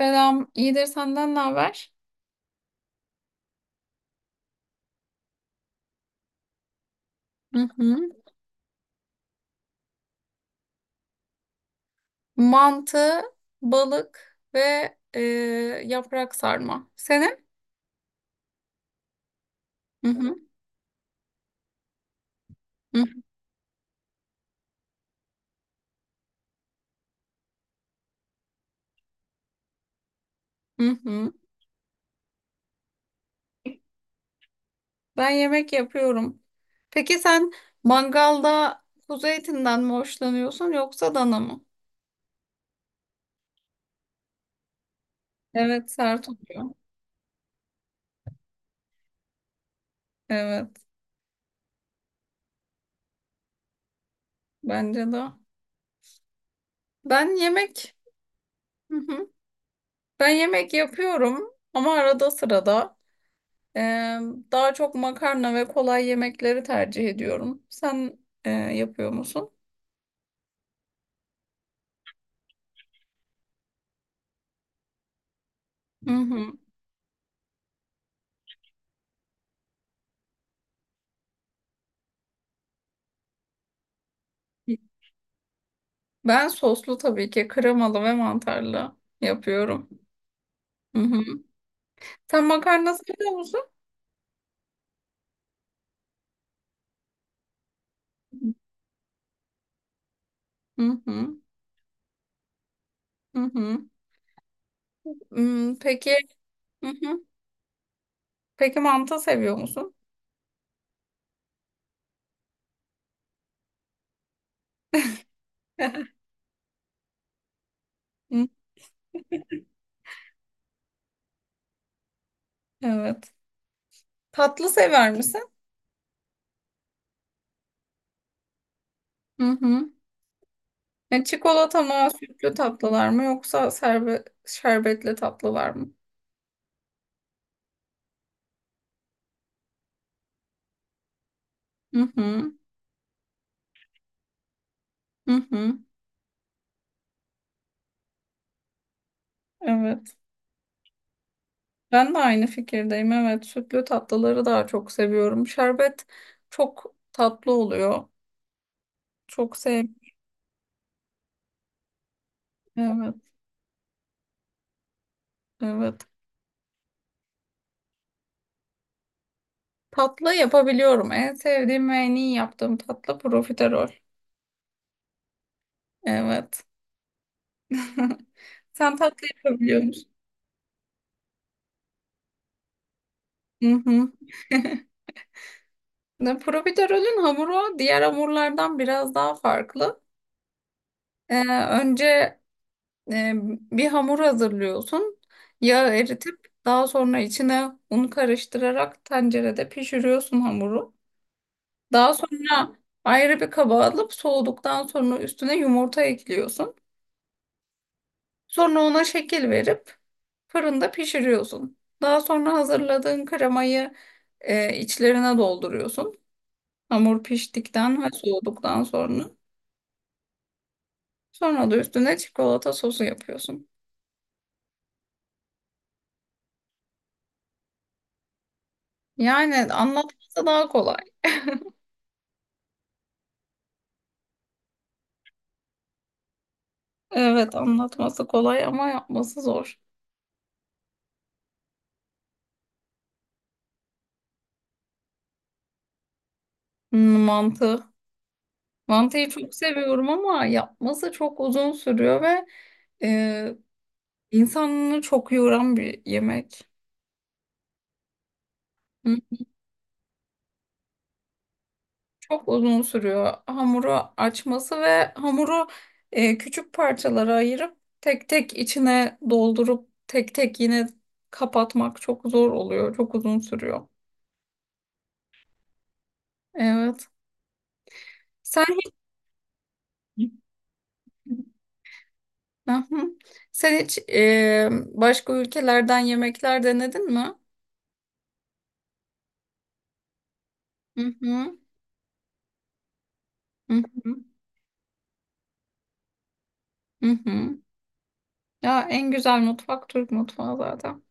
Selam, iyidir senden ne haber? Hı hı. Mantı, balık ve e, yaprak sarma. Senin? Hı hı. Hı hı. Hı. Ben yemek yapıyorum. Peki sen mangalda kuzu etinden mi hoşlanıyorsun yoksa dana mı? Evet, sert oluyor. Evet, bence de. Ben yemek, hı hı. Ben yemek yapıyorum ama arada sırada. Ee, Daha çok makarna ve kolay yemekleri tercih ediyorum. Sen yapıyor musun? Hı hı. Ben soslu tabii ki kremalı ve mantarlı yapıyorum. Hı hı. Sen makarna seviyor musun? Hı hı. Hı hı. Hmm, peki, hı hı. Peki manta seviyor musun? Hı, evet. Tatlı sever misin? Hı hı. Yani çikolata mı, sütlü tatlılar mı yoksa serbe şerbetli tatlılar mı? Hı hı. Hı hı. Evet. Ben de aynı fikirdeyim. Evet, sütlü tatlıları daha çok seviyorum. Şerbet çok tatlı oluyor. Çok sev. Evet, evet. Tatlı yapabiliyorum. En sevdiğim ve en iyi yaptığım tatlı profiterol. Evet. Sen tatlı yapabiliyor musun? Hı hı. Ne, profiterolün hamuru diğer hamurlardan biraz daha farklı. Ee, Önce e, bir hamur hazırlıyorsun. Yağı eritip daha sonra içine un karıştırarak tencerede pişiriyorsun hamuru. Daha sonra ayrı bir kaba alıp soğuduktan sonra üstüne yumurta ekliyorsun. Sonra ona şekil verip fırında pişiriyorsun. Daha sonra hazırladığın kremayı içlerine dolduruyorsun. Hamur piştikten ve soğuduktan sonra. Sonra da üstüne çikolata sosu yapıyorsun. Yani anlatması daha kolay. Evet anlatması kolay ama yapması zor. Hmm, mantı. Mantıyı çok seviyorum ama yapması çok uzun sürüyor ve e, insanını çok yoran bir yemek. Hı, çok uzun sürüyor hamuru açması ve hamuru küçük parçalara ayırıp tek tek içine doldurup tek tek yine kapatmak çok zor oluyor. Çok uzun sürüyor. Evet. Sen hiç... Hı hı. Sen hiç başka ülkelerden yemekler denedin mi? Hı hı. Hı hı. Hı hı. Ya en güzel mutfak Türk mutfağı zaten.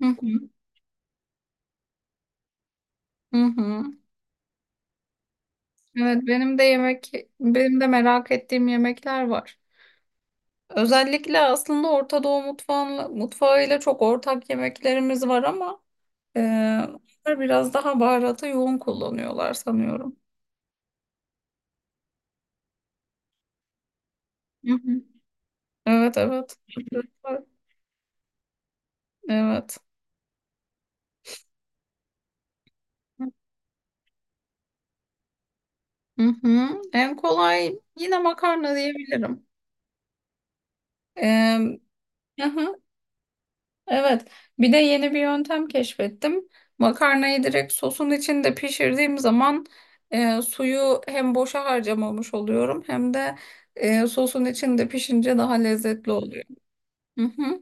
Hı hı. Hı hı. Evet benim de merak ettiğim yemekler var. Özellikle aslında mutfağıyla çok ortak yemeklerimiz var ama onlar biraz daha baharatı yoğun kullanıyorlar sanıyorum. Hı hı. Evet evet. Evet. Hı hı. En kolay yine makarna diyebilirim. Ee, aha, evet. Bir de yeni bir yöntem keşfettim. Makarnayı direkt sosun içinde pişirdiğim zaman suyu hem boşa harcamamış oluyorum hem de sosun içinde pişince daha lezzetli oluyor. Hı hı.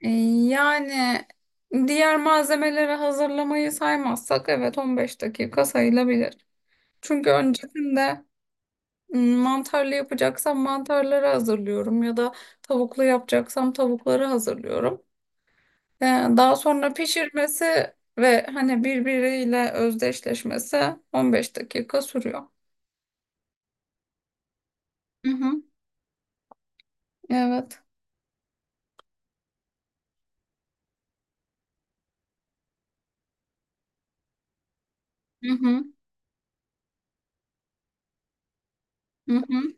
E, yani diğer malzemeleri hazırlamayı saymazsak evet 15 dakika sayılabilir. Çünkü öncesinde mantarlı yapacaksam mantarları hazırlıyorum ya da tavuklu yapacaksam tavukları hazırlıyorum. Ee, Daha sonra pişirmesi ve hani birbiriyle özdeşleşmesi 15 dakika sürüyor. Hı hı. Evet. Hı hı. Hı hı.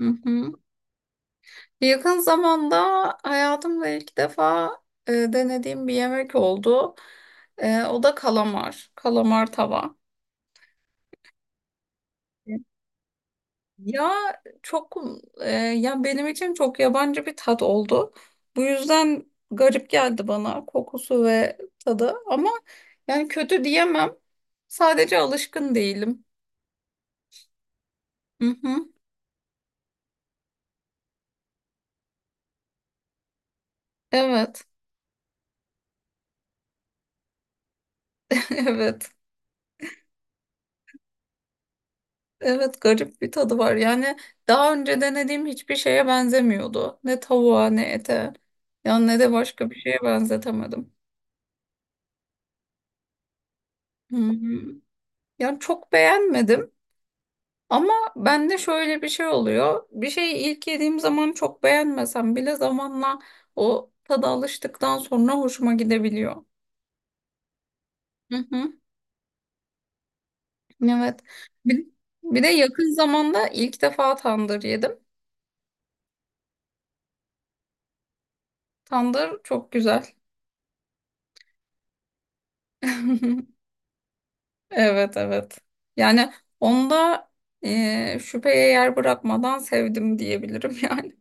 Hı hı. Yakın zamanda hayatımda ilk defa denediğim bir yemek oldu. E, o da kalamar tava. Ya çok ya benim için çok yabancı bir tat oldu. Bu yüzden garip geldi bana kokusu ve tadı ama yani kötü diyemem. Sadece alışkın değilim. Hı hı. Evet. Evet. Evet garip bir tadı var. Yani daha önce denediğim hiçbir şeye benzemiyordu. Ne tavuğa ne ete. Yani ne de başka bir şeye benzetemedim. Hı hı. Yani çok beğenmedim. Ama bende şöyle bir şey oluyor. Bir şeyi ilk yediğim zaman çok beğenmesem bile zamanla o tada alıştıktan sonra hoşuma gidebiliyor. Hı hı. Evet. Bir, bir de yakın zamanda ilk defa tandır yedim. Tandır çok güzel. Evet evet. Yani onda şüpheye yer bırakmadan sevdim diyebilirim yani.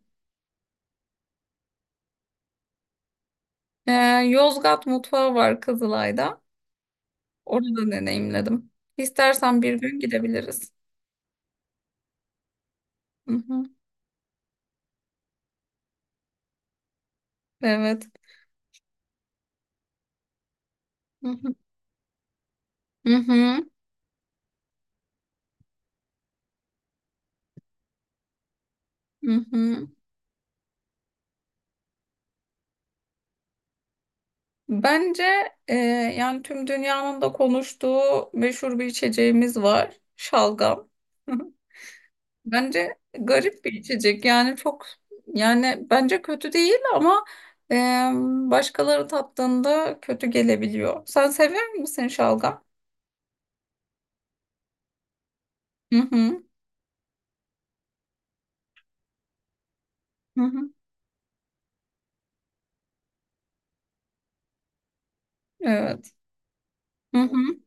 E, Yozgat mutfağı var Kızılay'da. Orada deneyimledim. İstersen bir gün gidebiliriz. Hı hı. Evet. Hı hı. Hı hı. Hı hı. Bence e, yani tüm dünyanın da konuştuğu meşhur bir içeceğimiz var. Şalgam. Hı hı. Bence garip bir içecek. Yani çok yani bence kötü değil ama e, başkaları tattığında kötü gelebiliyor. Sen seviyor musun şalgam? Hı hı. Hı hı. Evet. Hı hı.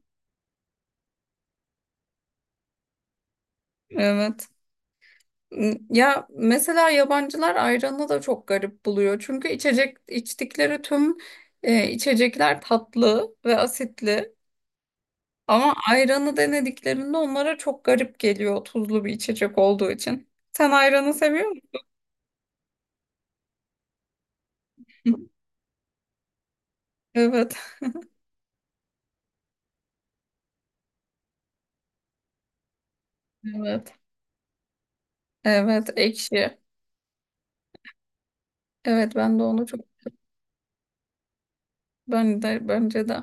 Evet. Ya mesela yabancılar ayranı da çok garip buluyor. Çünkü içecek içtikleri tüm içecekler tatlı ve asitli. Ama ayranı denediklerinde onlara çok garip geliyor tuzlu bir içecek olduğu için. Sen ayranı seviyor musun? Evet, evet, evet, ekşi. Evet, ben de bence de.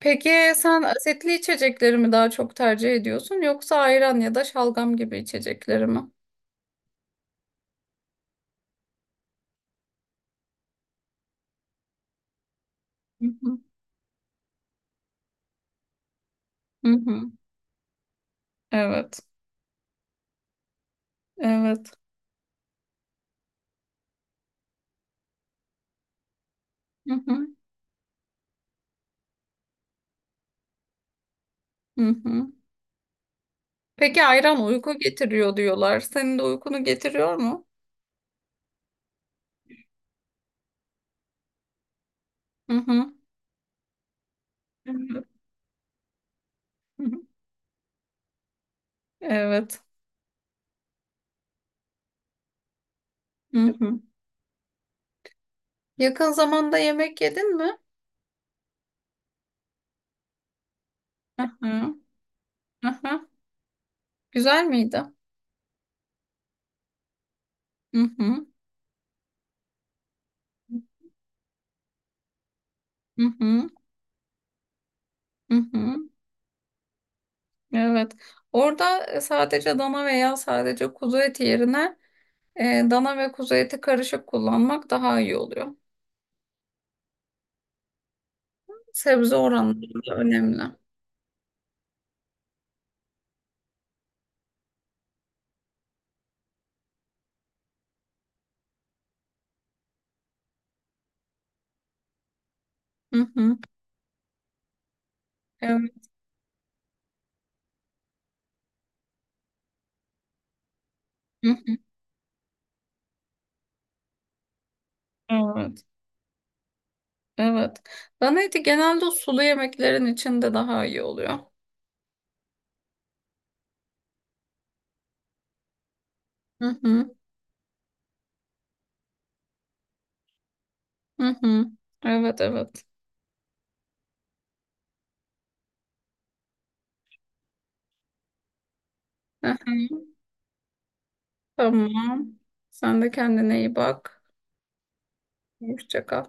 Peki sen asitli içecekleri mi daha çok tercih ediyorsun yoksa ayran ya da şalgam gibi içecekleri mi? Hı hı. Hı hı. Evet. Evet. Hı hı. Hı hı. Peki ayran uyku getiriyor diyorlar. Senin de uykunu getiriyor mu? Hı hı. Hı hı. Hı hı. Evet. Hı hı. Yakın zamanda yemek yedin mi? Hı hı. Hı hı. Güzel miydi? Hı hı. Hı hı. Hı hı. Evet. Orada sadece dana veya sadece kuzu eti yerine e, dana ve kuzu eti karışık kullanmak daha iyi oluyor. Sebze oranları da önemli. Hı hı. Evet. Hı hı. Evet. Evet. Bana eti genelde o sulu yemeklerin içinde daha iyi oluyor. Hı hı. Hı hı. Evet evet. Hı hı. Tamam. Sen de kendine iyi bak. Hoşça kal.